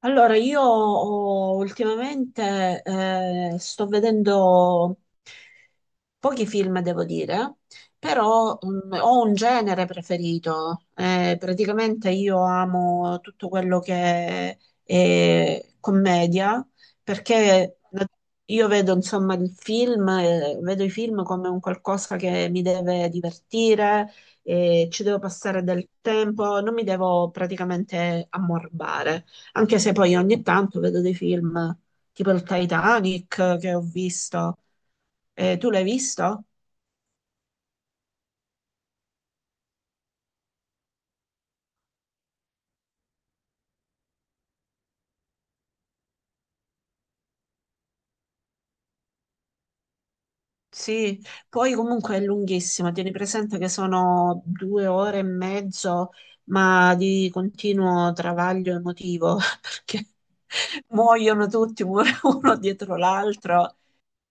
Allora, ultimamente sto vedendo pochi film, devo dire, però ho un genere preferito. Praticamente io amo tutto quello che è commedia, perché io vedo, insomma, il film, vedo i film come un qualcosa che mi deve divertire, ci devo passare del tempo, non mi devo praticamente ammorbare. Anche se poi ogni tanto vedo dei film tipo il Titanic che ho visto. Tu l'hai visto? Sì, poi comunque è lunghissima, tieni presente che sono 2 ore e mezzo, ma di continuo travaglio emotivo, perché muoiono tutti uno dietro l'altro.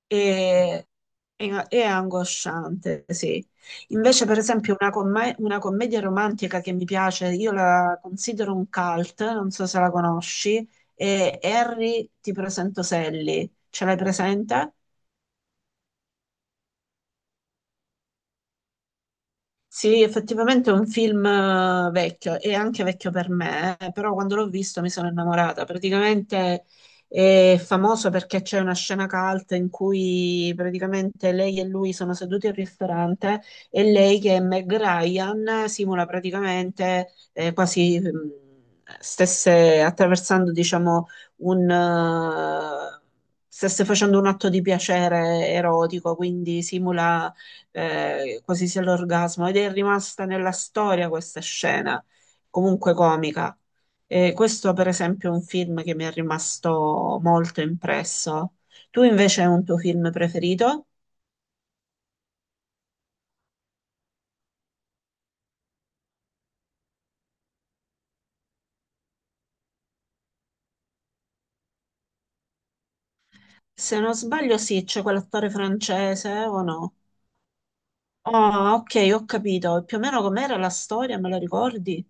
E, e angosciante, sì. Invece, per esempio, una commedia romantica che mi piace, io la considero un cult, non so se la conosci, è Harry, ti presento Sally. Ce l'hai presente? Sì, effettivamente è un film vecchio e anche vecchio per me, però quando l'ho visto mi sono innamorata. Praticamente è famoso perché c'è una scena cult in cui praticamente lei e lui sono seduti al ristorante e lei che è Meg Ryan simula praticamente quasi stesse attraversando, diciamo, un... eh, stesse facendo un atto di piacere erotico, quindi simula quasi sia l'orgasmo, ed è rimasta nella storia questa scena, comunque comica. E questo, per esempio, è un film che mi è rimasto molto impresso. Tu invece hai un tuo film preferito? Se non sbaglio, sì, c'è quell'attore francese o no? Oh, ok, ho capito. Più o meno com'era la storia, me la ricordi?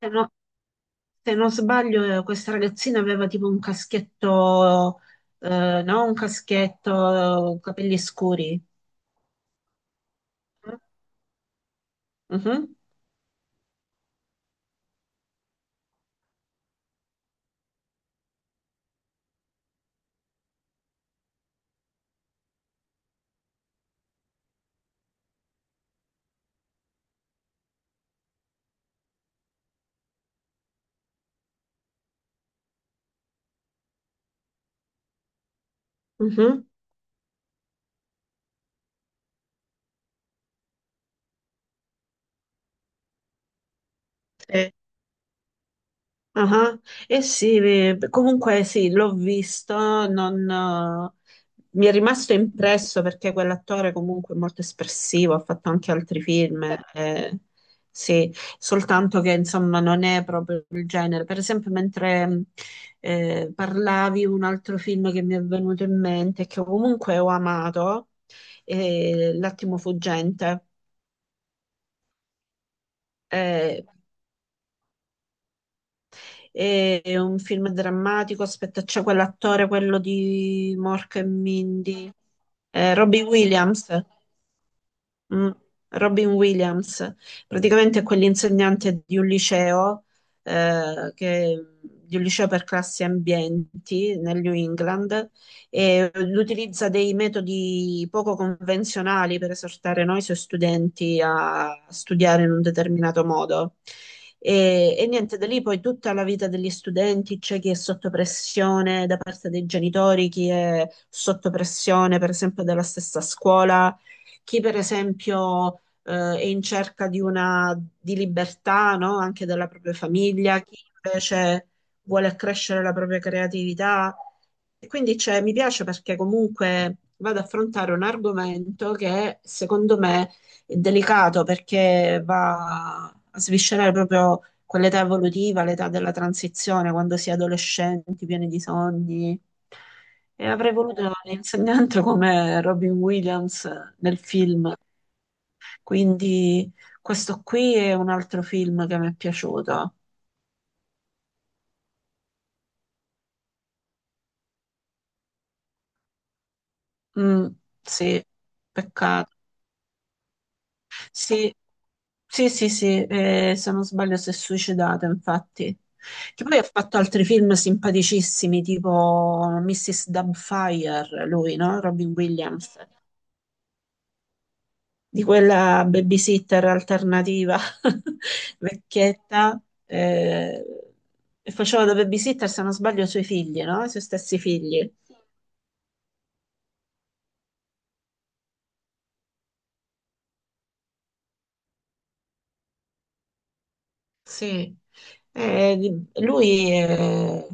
Se, no- se non sbaglio, questa ragazzina aveva tipo un caschetto, no, un caschetto, capelli scuri. Mhm, mhm, sì. Aha. Eh sì, comunque sì, l'ho visto, non, mi è rimasto impresso perché quell'attore comunque è molto espressivo, ha fatto anche altri film, eh, sì, soltanto che insomma non è proprio il genere. Per esempio, mentre parlavi, un altro film che mi è venuto in mente, che comunque ho amato, è L'attimo fuggente. Eh, è un film drammatico. Aspetta, c'è quell'attore, quello di Mork e Mindy, Robbie Williams. Mm, Robin Williams, praticamente è quell'insegnante di un liceo, eh, che- di un liceo per classi ambienti nel New England e utilizza dei metodi poco convenzionali per esortare noi suoi studenti a studiare in un determinato modo. E niente, da lì poi tutta la vita degli studenti, c'è chi è sotto pressione da parte dei genitori, chi è sotto pressione per esempio dalla stessa scuola, chi per esempio è in cerca di una di libertà, no? Anche della propria famiglia, chi invece vuole accrescere la propria creatività. E quindi cioè, mi piace perché comunque vado ad affrontare un argomento che secondo me è delicato perché va a sviscerare proprio quell'età evolutiva, l'età della transizione, quando si è adolescenti, pieni di sogni. E avrei voluto l'insegnante come Robin Williams nel film. Quindi questo qui è un altro film che mi è piaciuto. Mm, sì, peccato. Sì, sì, sì, sì, se non sbaglio si è suicidato, infatti. Che poi ha fatto altri film simpaticissimi, tipo Mrs. Doubtfire, lui, no? Robin Williams. Di quella babysitter alternativa vecchietta e faceva da babysitter, se non sbaglio, i suoi figli, no? I suoi stessi figli. Sì. Di- lui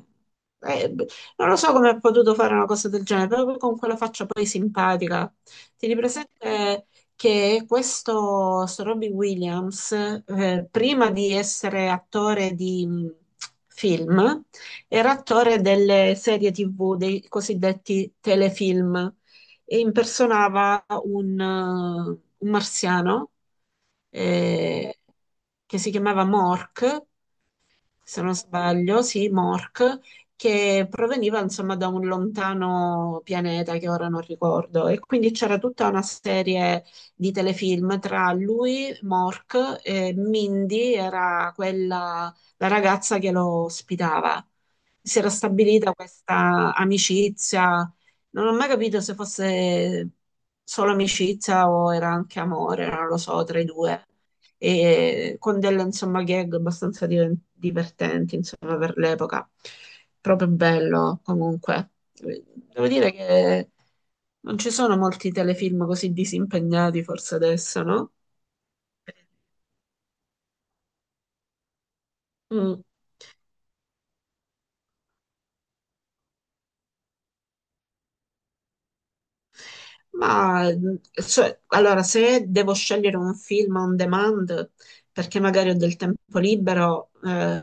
è- b- Non lo so come ha potuto fare una cosa del genere, proprio con quella faccia poi simpatica. Tieni presente che questo sto Robbie Williams, prima di essere attore di film, era attore delle serie TV, dei cosiddetti telefilm, e impersonava un marziano eh, che si chiamava Mork, se non sbaglio, sì, Mork, che proveniva insomma da un lontano pianeta che ora non ricordo. E quindi c'era tutta una serie di telefilm tra lui, Mork, e Mindy era quella, la ragazza che lo ospitava. Si era stabilita questa amicizia, non ho mai capito se fosse solo amicizia o era anche amore, non lo so, tra i due, e con delle insomma gag abbastanza divertenti insomma per l'epoca. Proprio bello comunque. Devo dire che non ci sono molti telefilm così disimpegnati forse adesso, no? Mm. Ma cioè, allora, se devo scegliere un film on demand perché magari ho del tempo libero,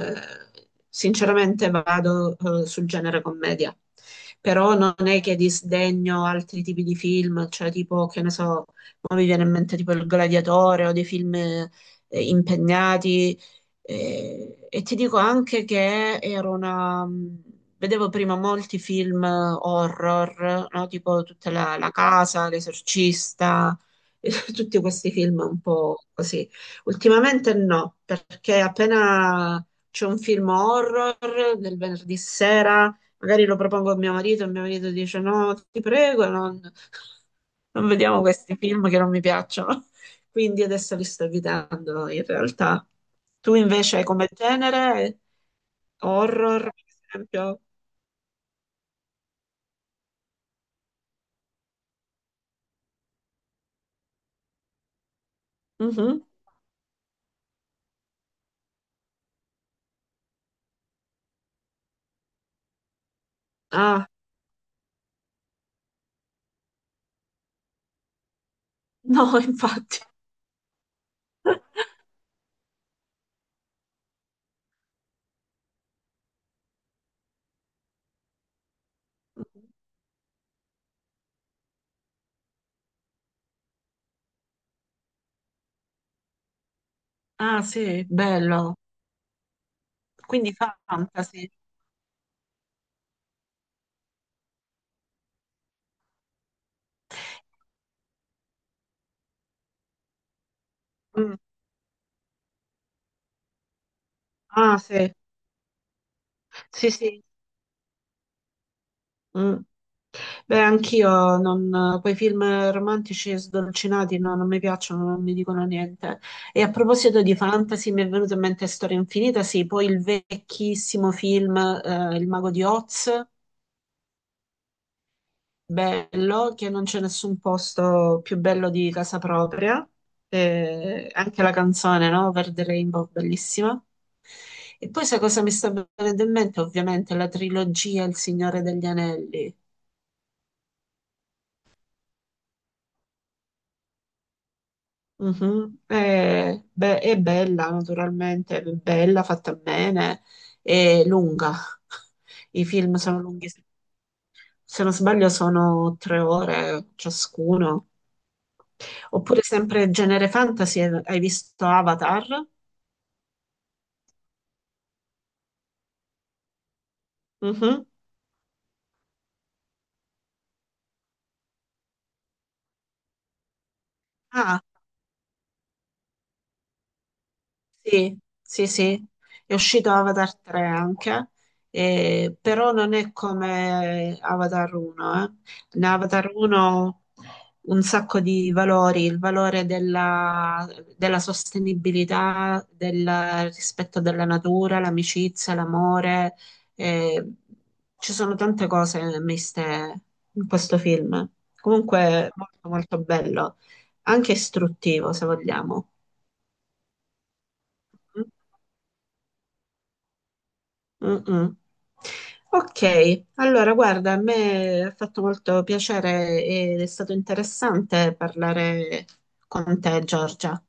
sinceramente vado, sul genere commedia. Però non è che disdegno altri tipi di film, cioè tipo, che ne so, mo mi viene in mente tipo Il Gladiatore o dei film, impegnati, e ti dico anche che vedevo prima molti film horror, no? Tipo tutta la casa, L'Esorcista, tutti questi film un po' così. Ultimamente no, perché appena c'è un film horror del venerdì sera, magari lo propongo a mio marito e mio marito dice no, ti prego, non... Non vediamo questi film che non mi piacciono, quindi adesso li sto evitando in realtà. Tu invece come genere, horror, per esempio? Mhm. Ah, no, infatti. Ah, sì, bello. Quindi fantasy. Mm. Ah, sì. Sì, sì. Mm. Beh, anch'io non, quei film romantici e sdolcinati no, non mi piacciono, non mi dicono niente. E a proposito di fantasy, mi è venuta in mente Storia Infinita, sì, poi il vecchissimo film Il Mago di Oz, bello, che non c'è nessun posto più bello di casa propria. Anche la canzone, no? Verde Rainbow, bellissima. E poi sai cosa mi sta venendo in mente? Ovviamente la trilogia Il Signore degli Anelli. Mhm. È bella, naturalmente, è bella, fatta bene, è lunga. I film sono lunghi, se non sbaglio sono 3 ore ciascuno. Oppure sempre genere fantasy, hai visto Avatar? Mhm. Ah. Sì, sì, sì, è uscito Avatar 3 anche, però non è come Avatar 1. In Avatar 1 un sacco di valori, il valore della sostenibilità, del rispetto della natura, l'amicizia, l'amore, eh, ci sono tante cose miste in questo film. Comunque molto molto bello, anche istruttivo se vogliamo. Mm? Mm-mm. Ok, allora guarda, a me ha fatto molto piacere ed è stato interessante parlare con te, Giorgia.